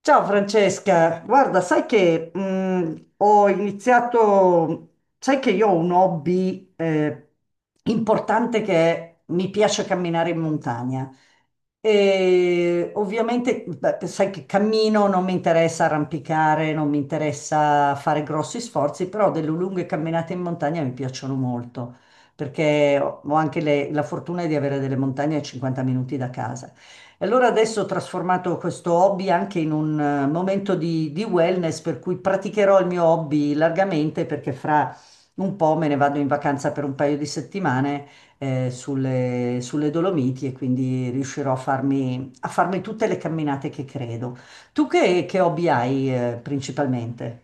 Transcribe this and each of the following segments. Ciao Francesca, guarda, sai che ho iniziato, sai che io ho un hobby importante mi piace camminare in montagna. E ovviamente, beh, sai che cammino, non mi interessa arrampicare, non mi interessa fare grossi sforzi, però delle lunghe camminate in montagna mi piacciono molto, perché ho anche la fortuna di avere delle montagne a 50 minuti da casa. E allora adesso ho trasformato questo hobby anche in un momento di wellness, per cui praticherò il mio hobby largamente perché fra un po' me ne vado in vacanza per un paio di settimane sulle Dolomiti e quindi riuscirò a farmi, tutte le camminate che credo. Tu che hobby hai principalmente?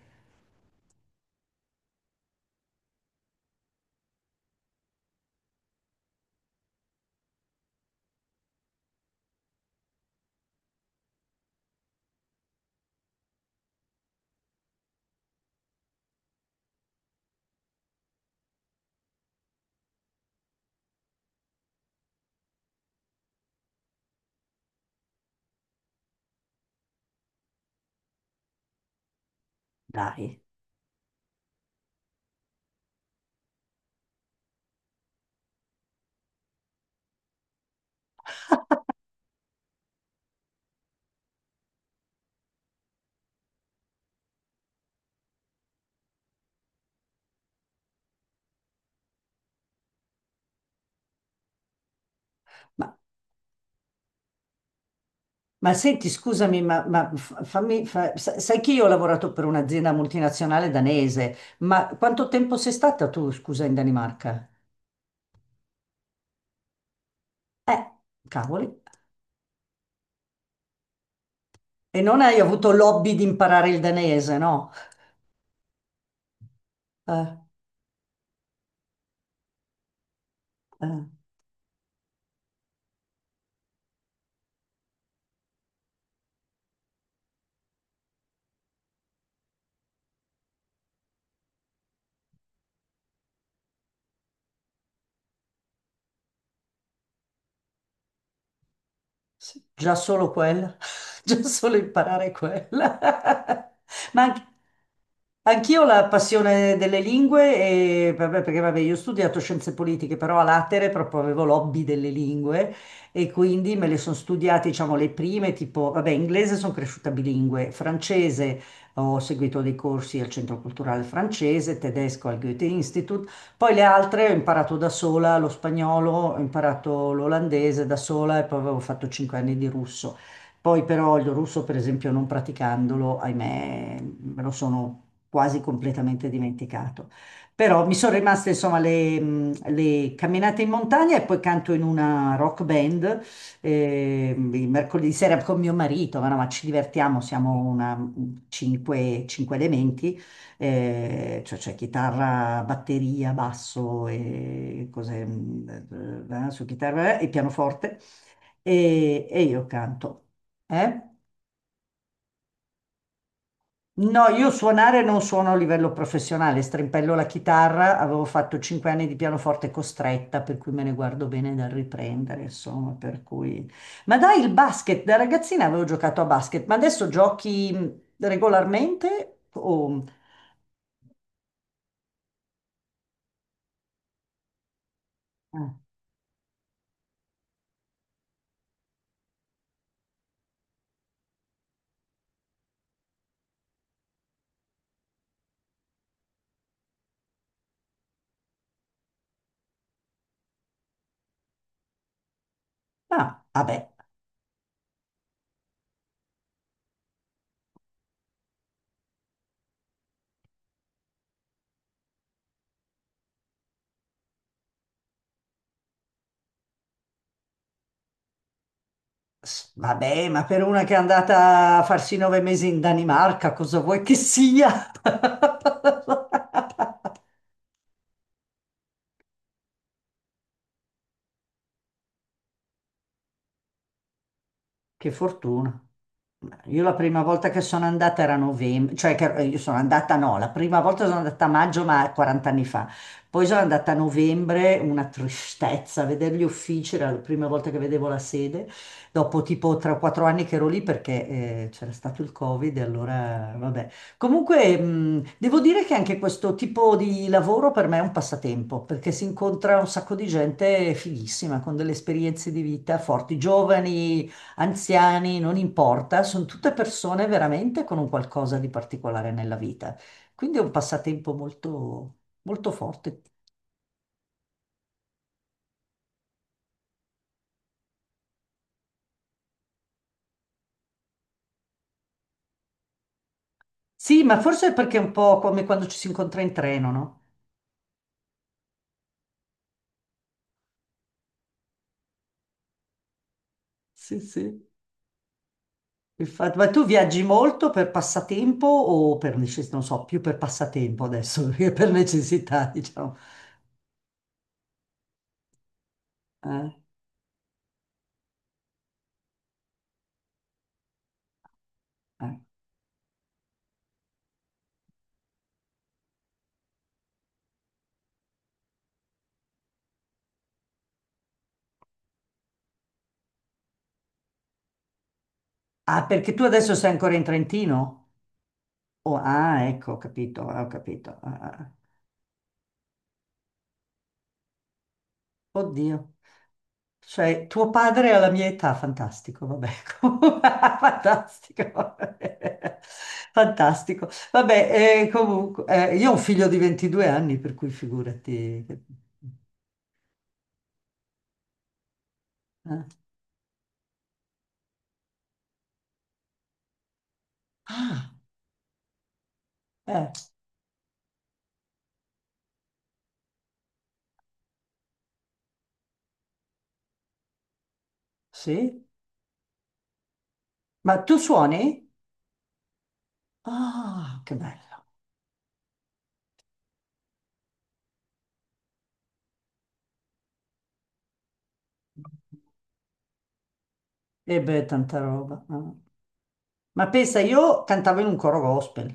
Dai. Ma senti, scusami, sai che io ho lavorato per un'azienda multinazionale danese, ma quanto tempo sei stata tu, scusa, in Danimarca? Eh, cavoli. E non hai avuto l'hobby di imparare il danese, no? Eh, eh. Sì, già solo quella, già solo imparare quella. Ma anche- anch'io ho la passione delle lingue, e, vabbè, perché vabbè, io ho studiato scienze politiche, però a latere proprio avevo l'hobby delle lingue e quindi me le sono studiate, diciamo, le prime, tipo, vabbè, inglese sono cresciuta bilingue, francese ho seguito dei corsi al Centro Culturale Francese, tedesco al Goethe-Institut, poi le altre ho imparato da sola, lo spagnolo, ho imparato l'olandese da sola e poi avevo fatto 5 anni di russo. Poi però il russo, per esempio, non praticandolo, ahimè, me lo sono quasi completamente dimenticato. Però mi sono rimaste insomma le camminate in montagna e poi canto in una rock band il mercoledì sera con mio marito, ma, no, ma ci divertiamo, siamo cinque elementi, cioè c'è chitarra, batteria, basso e cose, su chitarra e pianoforte, e io canto. Eh? No, io suonare non suono a livello professionale, strimpello la chitarra, avevo fatto 5 anni di pianoforte costretta, per cui me ne guardo bene da riprendere, insomma, per cui. Ma dai, il basket, da ragazzina avevo giocato a basket, ma adesso giochi regolarmente o. Ah, ah, vabbè. Vabbè, ma per una che è andata a farsi 9 mesi in Danimarca, cosa vuoi che sia? Che fortuna. Io la prima volta che sono andata era novembre, cioè che io sono andata, no, la prima volta sono andata a maggio ma 40 anni fa, poi sono andata a novembre, una tristezza, a vedere gli uffici, era la prima volta che vedevo la sede, dopo tipo 3-4 anni che ero lì perché c'era stato il Covid e allora vabbè. Comunque devo dire che anche questo tipo di lavoro per me è un passatempo, perché si incontra un sacco di gente fighissima, con delle esperienze di vita forti, giovani, anziani, non importa, sono tutte persone veramente con un qualcosa di particolare nella vita. Quindi è un passatempo molto, molto forte. Sì, ma forse perché è un po' come quando ci si incontra in treno, no? Sì, sì. Infatti, ma tu viaggi molto per passatempo o per necessità? Non so, più per passatempo adesso che per necessità, diciamo. Eh, eh. Ah, perché tu adesso sei ancora in Trentino? Oh, ah, ecco, ho capito, ho capito. Ah, ah, ah. Oddio. Cioè, tuo padre alla mia età, fantastico, vabbè, fantastico, vabbè. Fantastico. Vabbè, comunque, io ho un figlio di 22 anni, per cui figurati. Ah, eh, sì? Ma tu suoni? Ah, che bello. E beh, tanta roba. Ah. Ma pensa, io cantavo in un coro gospel,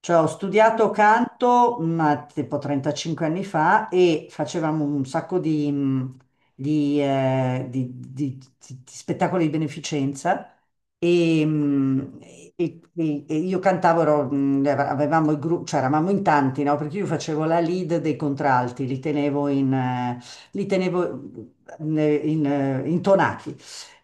cioè ho studiato canto, ma tipo 35 anni fa e facevamo un sacco di spettacoli di beneficenza e, mh, e io cantavo, avevamo il gruppo, cioè eravamo in tanti, no? Perché io facevo la lead dei contralti, li tenevo in, li tenevo mm, intonati.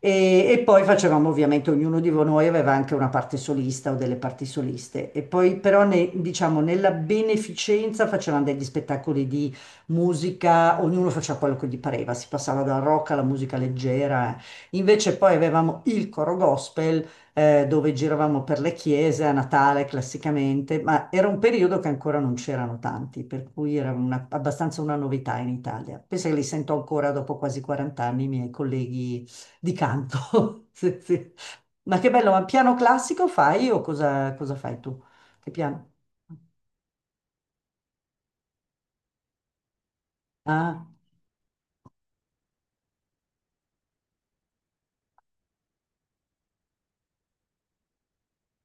E poi facevamo ovviamente, ognuno di noi aveva anche una parte solista o delle parti soliste. E poi però diciamo, nella beneficenza facevamo degli spettacoli di musica, ognuno faceva quello che gli pareva, si passava dal rock alla musica leggera. Invece poi avevamo il coro gospel, dove giravamo per le chiese a Natale classicamente, ma era un periodo che ancora non c'erano tanti, per cui era abbastanza una novità in Italia. Penso che li sento ancora dopo quasi 40 anni, i miei colleghi di canto. Sì, sì. Ma che bello, ma piano classico fai o cosa fai tu? Che piano? Ah,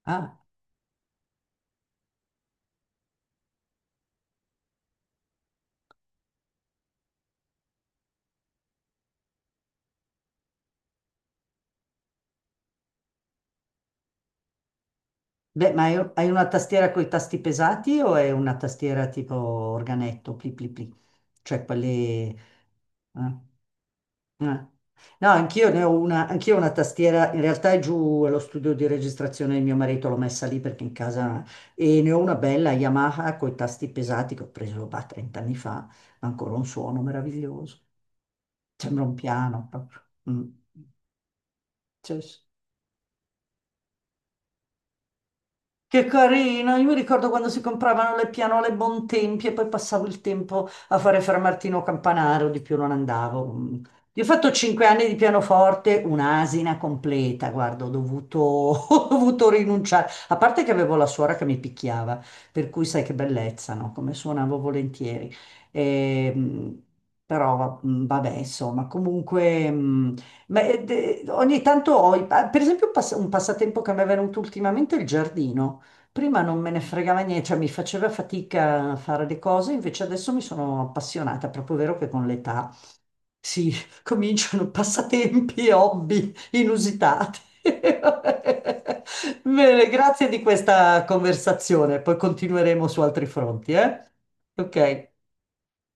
ah. Beh, ma hai una tastiera con i tasti pesati o è una tastiera tipo organetto, pli pli pli? Cioè quelle. Ah. Eh. No, anch'io ne ho una, anch'io ho una tastiera, in realtà è giù allo studio di registrazione di mio marito, l'ho messa lì perché in casa e ne ho una bella Yamaha con i tasti pesati che ho preso bah, 30 anni fa, ma ancora un suono meraviglioso, sembra un piano proprio. Mm. Sì, sì. Che carino, io mi ricordo quando si compravano le pianole Bontempi e poi passavo il tempo a fare Fra Martino Campanaro, di più non andavo. Mm. Io ho fatto 5 anni di pianoforte, un'asina completa, guarda, ho dovuto, ho dovuto rinunciare, a parte che avevo la suora che mi picchiava, per cui sai che bellezza, no? Come suonavo volentieri. Ehm, Però vabbè, insomma, comunque. Ma ogni tanto ho, per esempio, un un passatempo che mi è venuto ultimamente è il giardino. Prima non me ne fregava niente, cioè mi faceva fatica a fare le cose, invece adesso mi sono appassionata, è proprio vero che con l'età si cominciano passatempi e hobby inusitati. Bene, grazie di questa conversazione, poi continueremo su altri fronti, eh? Ok.